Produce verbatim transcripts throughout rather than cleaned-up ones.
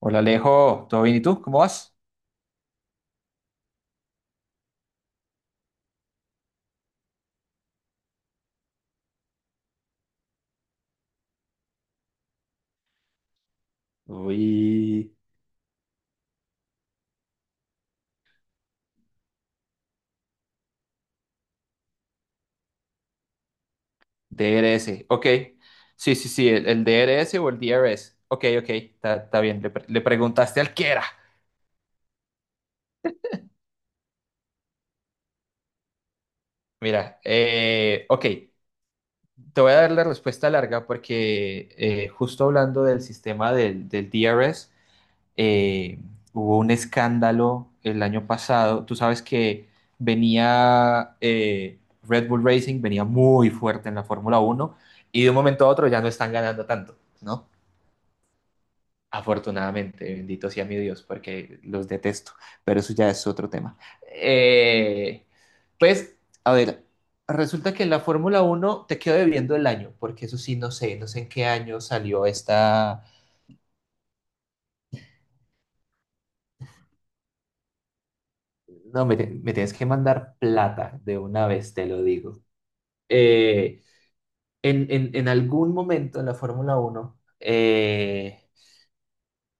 Hola Alejo, ¿todo bien y tú? ¿Cómo vas? Uy, D R S, ok. Sí, sí, sí, el, el D R S o el D R S. Ok, ok, está está bien, le, pre- le preguntaste al que era. Mira, eh, ok, te voy a dar la respuesta larga porque eh, justo hablando del sistema del, del D R S, eh, hubo un escándalo el año pasado. Tú sabes que venía eh, Red Bull Racing, venía muy fuerte en la Fórmula Uno y de un momento a otro ya no están ganando tanto, ¿no? Afortunadamente, bendito sea mi Dios, porque los detesto, pero eso ya es otro tema. Eh, pues, a ver, resulta que en la Fórmula Uno te quedo debiendo el año, porque eso sí, no sé, no sé en qué año salió esta. No, me, tie- me tienes que mandar plata de una vez, te lo digo. Eh, en, en- en algún momento en la Fórmula uno eh,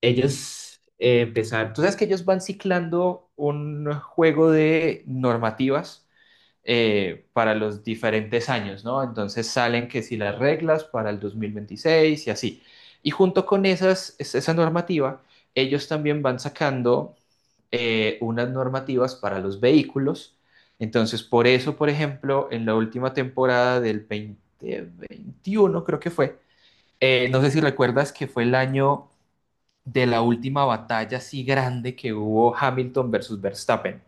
ellos eh, empezaron, tú sabes que ellos van ciclando un juego de normativas eh, para los diferentes años, ¿no? Entonces salen que si las reglas para el dos mil veintiséis y así. Y junto con esas, es- esa normativa, ellos también van sacando eh, unas normativas para los vehículos. Entonces, por eso, por ejemplo, en la última temporada del dos mil veintiuno creo que fue, eh, no sé si recuerdas que fue el año de la última batalla así grande que hubo Hamilton versus Verstappen.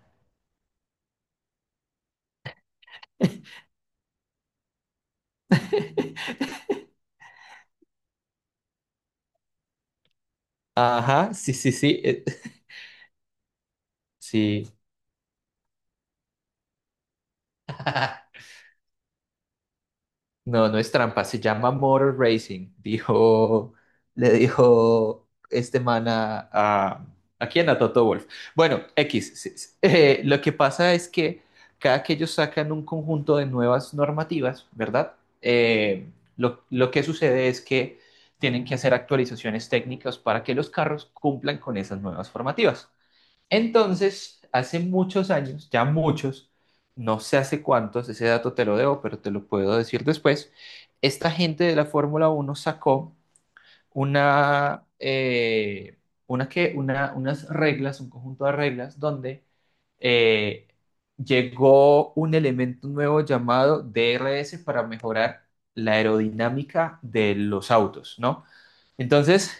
Ajá, sí, sí, sí, eh, sí. No, no es trampa, se llama Motor Racing, dijo, le dijo este man a, a, ¿a quién? A Toto Wolff. Bueno, X, sí, sí. Eh, lo que pasa es que cada que ellos sacan un conjunto de nuevas normativas, ¿verdad? Eh, lo, lo que sucede es que tienen que hacer actualizaciones técnicas para que los carros cumplan con esas nuevas formativas. Entonces, hace muchos años, ya muchos, no sé hace cuántos, ese dato te lo debo, pero te lo puedo decir después, esta gente de la Fórmula uno sacó una, eh, una que, una, unas reglas, un conjunto de reglas donde eh, llegó un elemento nuevo llamado D R S para mejorar la aerodinámica de los autos, ¿no? Entonces,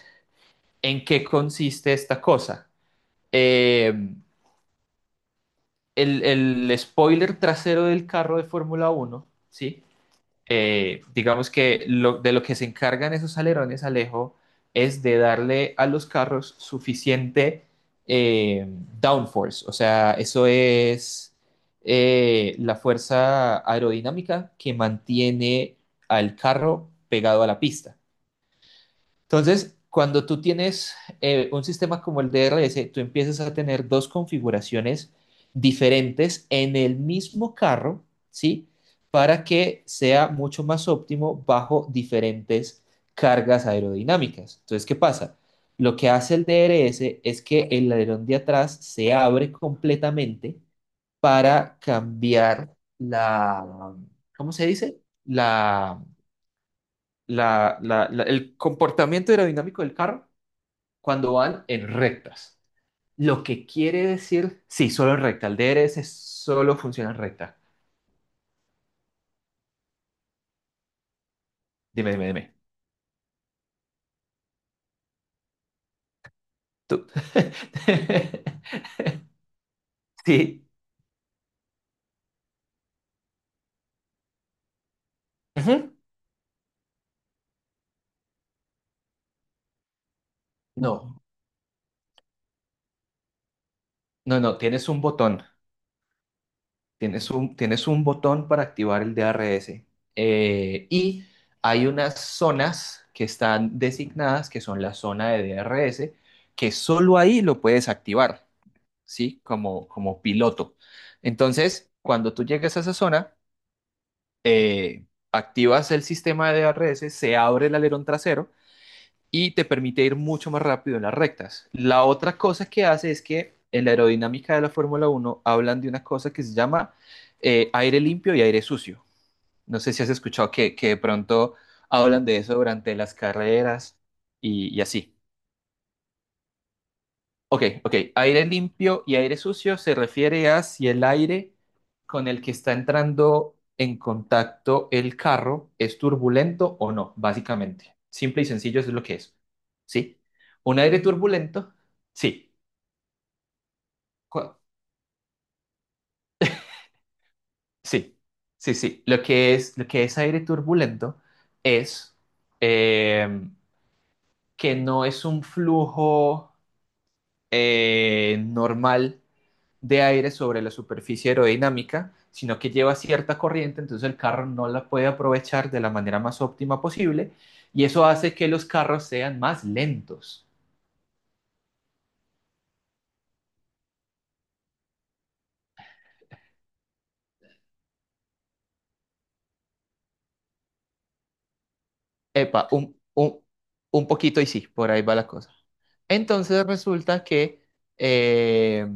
¿en qué consiste esta cosa? Eh, el, el spoiler trasero del carro de Fórmula uno, ¿sí? Eh, digamos que lo, de lo que se encargan esos alerones, Alejo, es de darle a los carros suficiente eh, downforce, o sea, eso es eh, la fuerza aerodinámica que mantiene al carro pegado a la pista. Entonces, cuando tú tienes eh, un sistema como el D R S, tú empiezas a tener dos configuraciones diferentes en el mismo carro, ¿sí? Para que sea mucho más óptimo bajo diferentes cargas aerodinámicas. Entonces, ¿qué pasa? Lo que hace el D R S es que el alerón de atrás se abre completamente para cambiar la, ¿cómo se dice? La, la, la- la- el comportamiento aerodinámico del carro cuando van en rectas. Lo que quiere decir, sí, solo en recta. El D R S solo funciona en recta. Dime, dime, dime. Tú. Sí. Ujú. No, no, no. Tienes un botón. Tienes un, tienes un botón para activar el D R S. Eh, y hay unas zonas que están designadas, que son la zona de D R S, que solo ahí lo puedes activar, ¿sí? Como, como piloto. Entonces, cuando tú llegues a esa zona, eh, activas el sistema de A R S, se abre el alerón trasero y te permite ir mucho más rápido en las rectas. La otra cosa que hace es que en la aerodinámica de la Fórmula uno hablan de una cosa que se llama eh, aire limpio y aire sucio. No sé si has escuchado que, que de pronto hablan de eso durante las carreras y y así. Ok, ok. Aire limpio y aire sucio se refiere a si el aire con el que está entrando en contacto el carro es turbulento o no, básicamente. Simple y sencillo eso es lo que es. ¿Sí? Un aire turbulento, sí. Cu- Sí, sí, sí. Lo que es, lo que es aire turbulento es eh, que no es un flujo eh, normal de aire sobre la superficie aerodinámica, sino que lleva cierta corriente, entonces el carro no la puede aprovechar de la manera más óptima posible y eso hace que los carros sean más lentos. Epa, un, un, un poquito y sí, por ahí va la cosa. Entonces resulta que eh,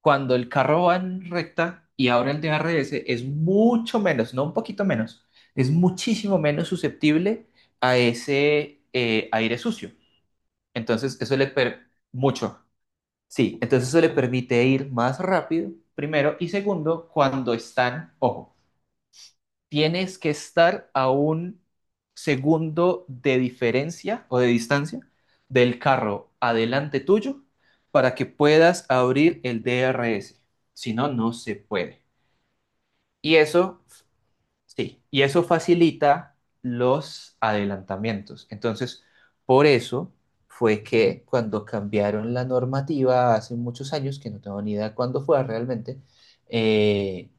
cuando el carro va en recta y ahora el D R S es mucho menos, no un poquito menos, es muchísimo menos susceptible a ese eh, aire sucio. Entonces eso le per mucho Sí, entonces eso le permite ir más rápido, primero, y segundo, cuando están, ojo, tienes que estar a un segundo de diferencia o de distancia del carro adelante tuyo para que puedas abrir el D R S. Si no, no se puede. Y eso Sí, y eso facilita los adelantamientos. Entonces, por eso fue que cuando cambiaron la normativa hace muchos años, que no tengo ni idea cuándo fue realmente, eh,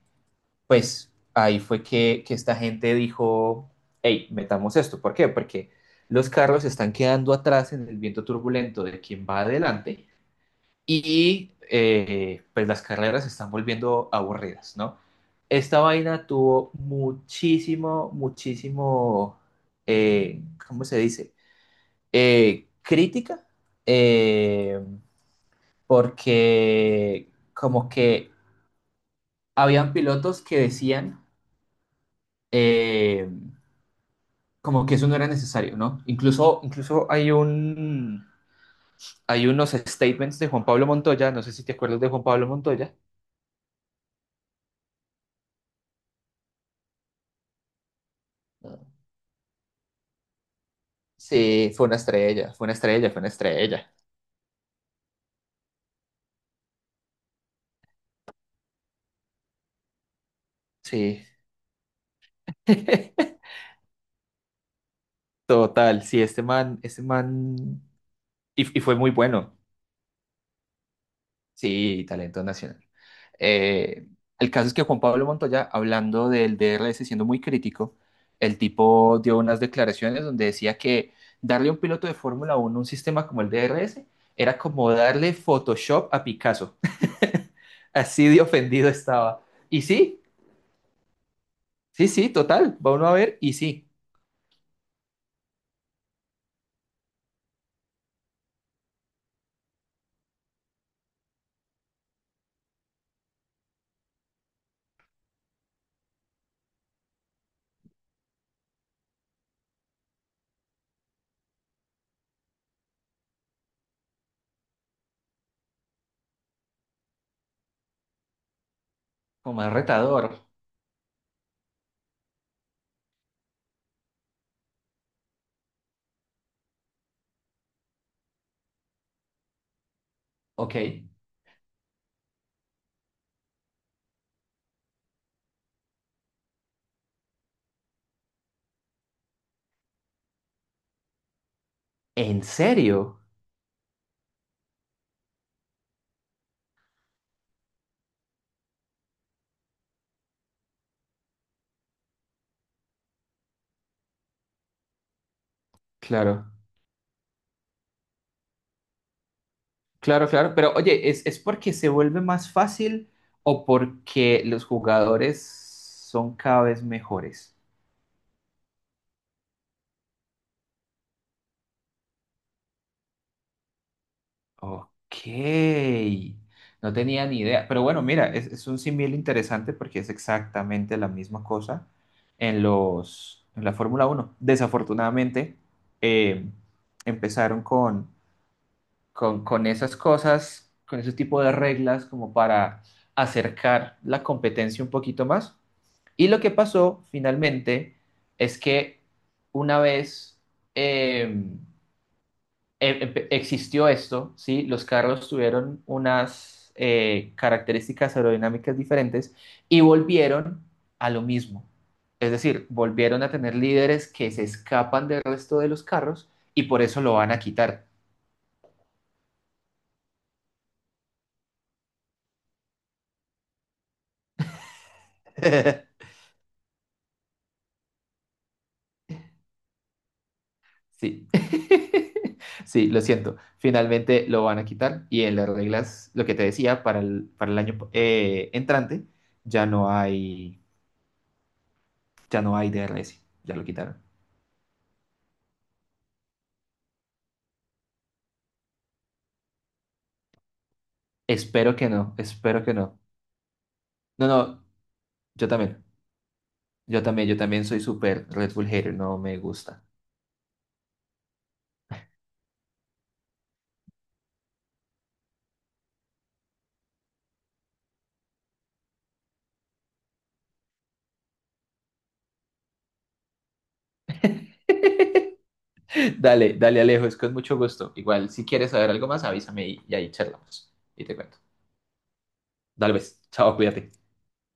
pues ahí fue que, que esta gente dijo, hey, metamos esto. ¿Por qué? Porque los carros están quedando atrás en el viento turbulento de quien va adelante y eh, pues las carreras se están volviendo aburridas, ¿no? Esta vaina tuvo muchísimo, muchísimo, eh, ¿cómo se dice? Eh, crítica, eh, porque como que habían pilotos que decían eh, como que eso no era necesario, ¿no? Incluso, incluso hay un, hay unos statements de Juan Pablo Montoya, no sé si te acuerdas de Juan Pablo Montoya. Sí, fue una estrella, fue una estrella, fue una estrella. Sí. Total, sí, este man, este man, y, y fue muy bueno. Sí, talento nacional. Eh, el caso es que Juan Pablo Montoya, hablando del D R S, siendo muy crítico, el tipo dio unas declaraciones donde decía que darle a un piloto de Fórmula Uno un sistema como el D R S era como darle Photoshop a Picasso. Así de ofendido estaba. Y sí, sí, sí, total, va uno a ver, y sí. Como más retador. Ok. ¿En serio? Claro, claro, claro. Pero oye, ¿es, es porque se vuelve más fácil o porque los jugadores son cada vez mejores? Ok. No tenía ni idea. Pero bueno, mira, es, es un símil interesante porque es exactamente la misma cosa en los, en la Fórmula Uno. Desafortunadamente, eh, empezaron con con, con esas cosas, con ese tipo de reglas como para acercar la competencia un poquito más. Y lo que pasó finalmente es que una vez eh, em- em- existió esto, ¿sí? Los carros tuvieron unas eh, características aerodinámicas diferentes y volvieron a lo mismo. Es decir, volvieron a tener líderes que se escapan del resto de los carros y por eso lo van a quitar. Sí. Sí, lo siento. Finalmente lo van a quitar y en las reglas, lo que te decía, para el, para el año eh, entrante ya no hay, ya no hay D R S. Ya lo quitaron. Espero que no, espero que no. No, no, yo también. Yo también, yo también soy súper Red Bull hater, no me gusta. Dale, dale Alejo, es con mucho gusto. Igual, si quieres saber algo más, avísame y, y ahí charlamos. Y te cuento. Dale, pues, chao, cuídate.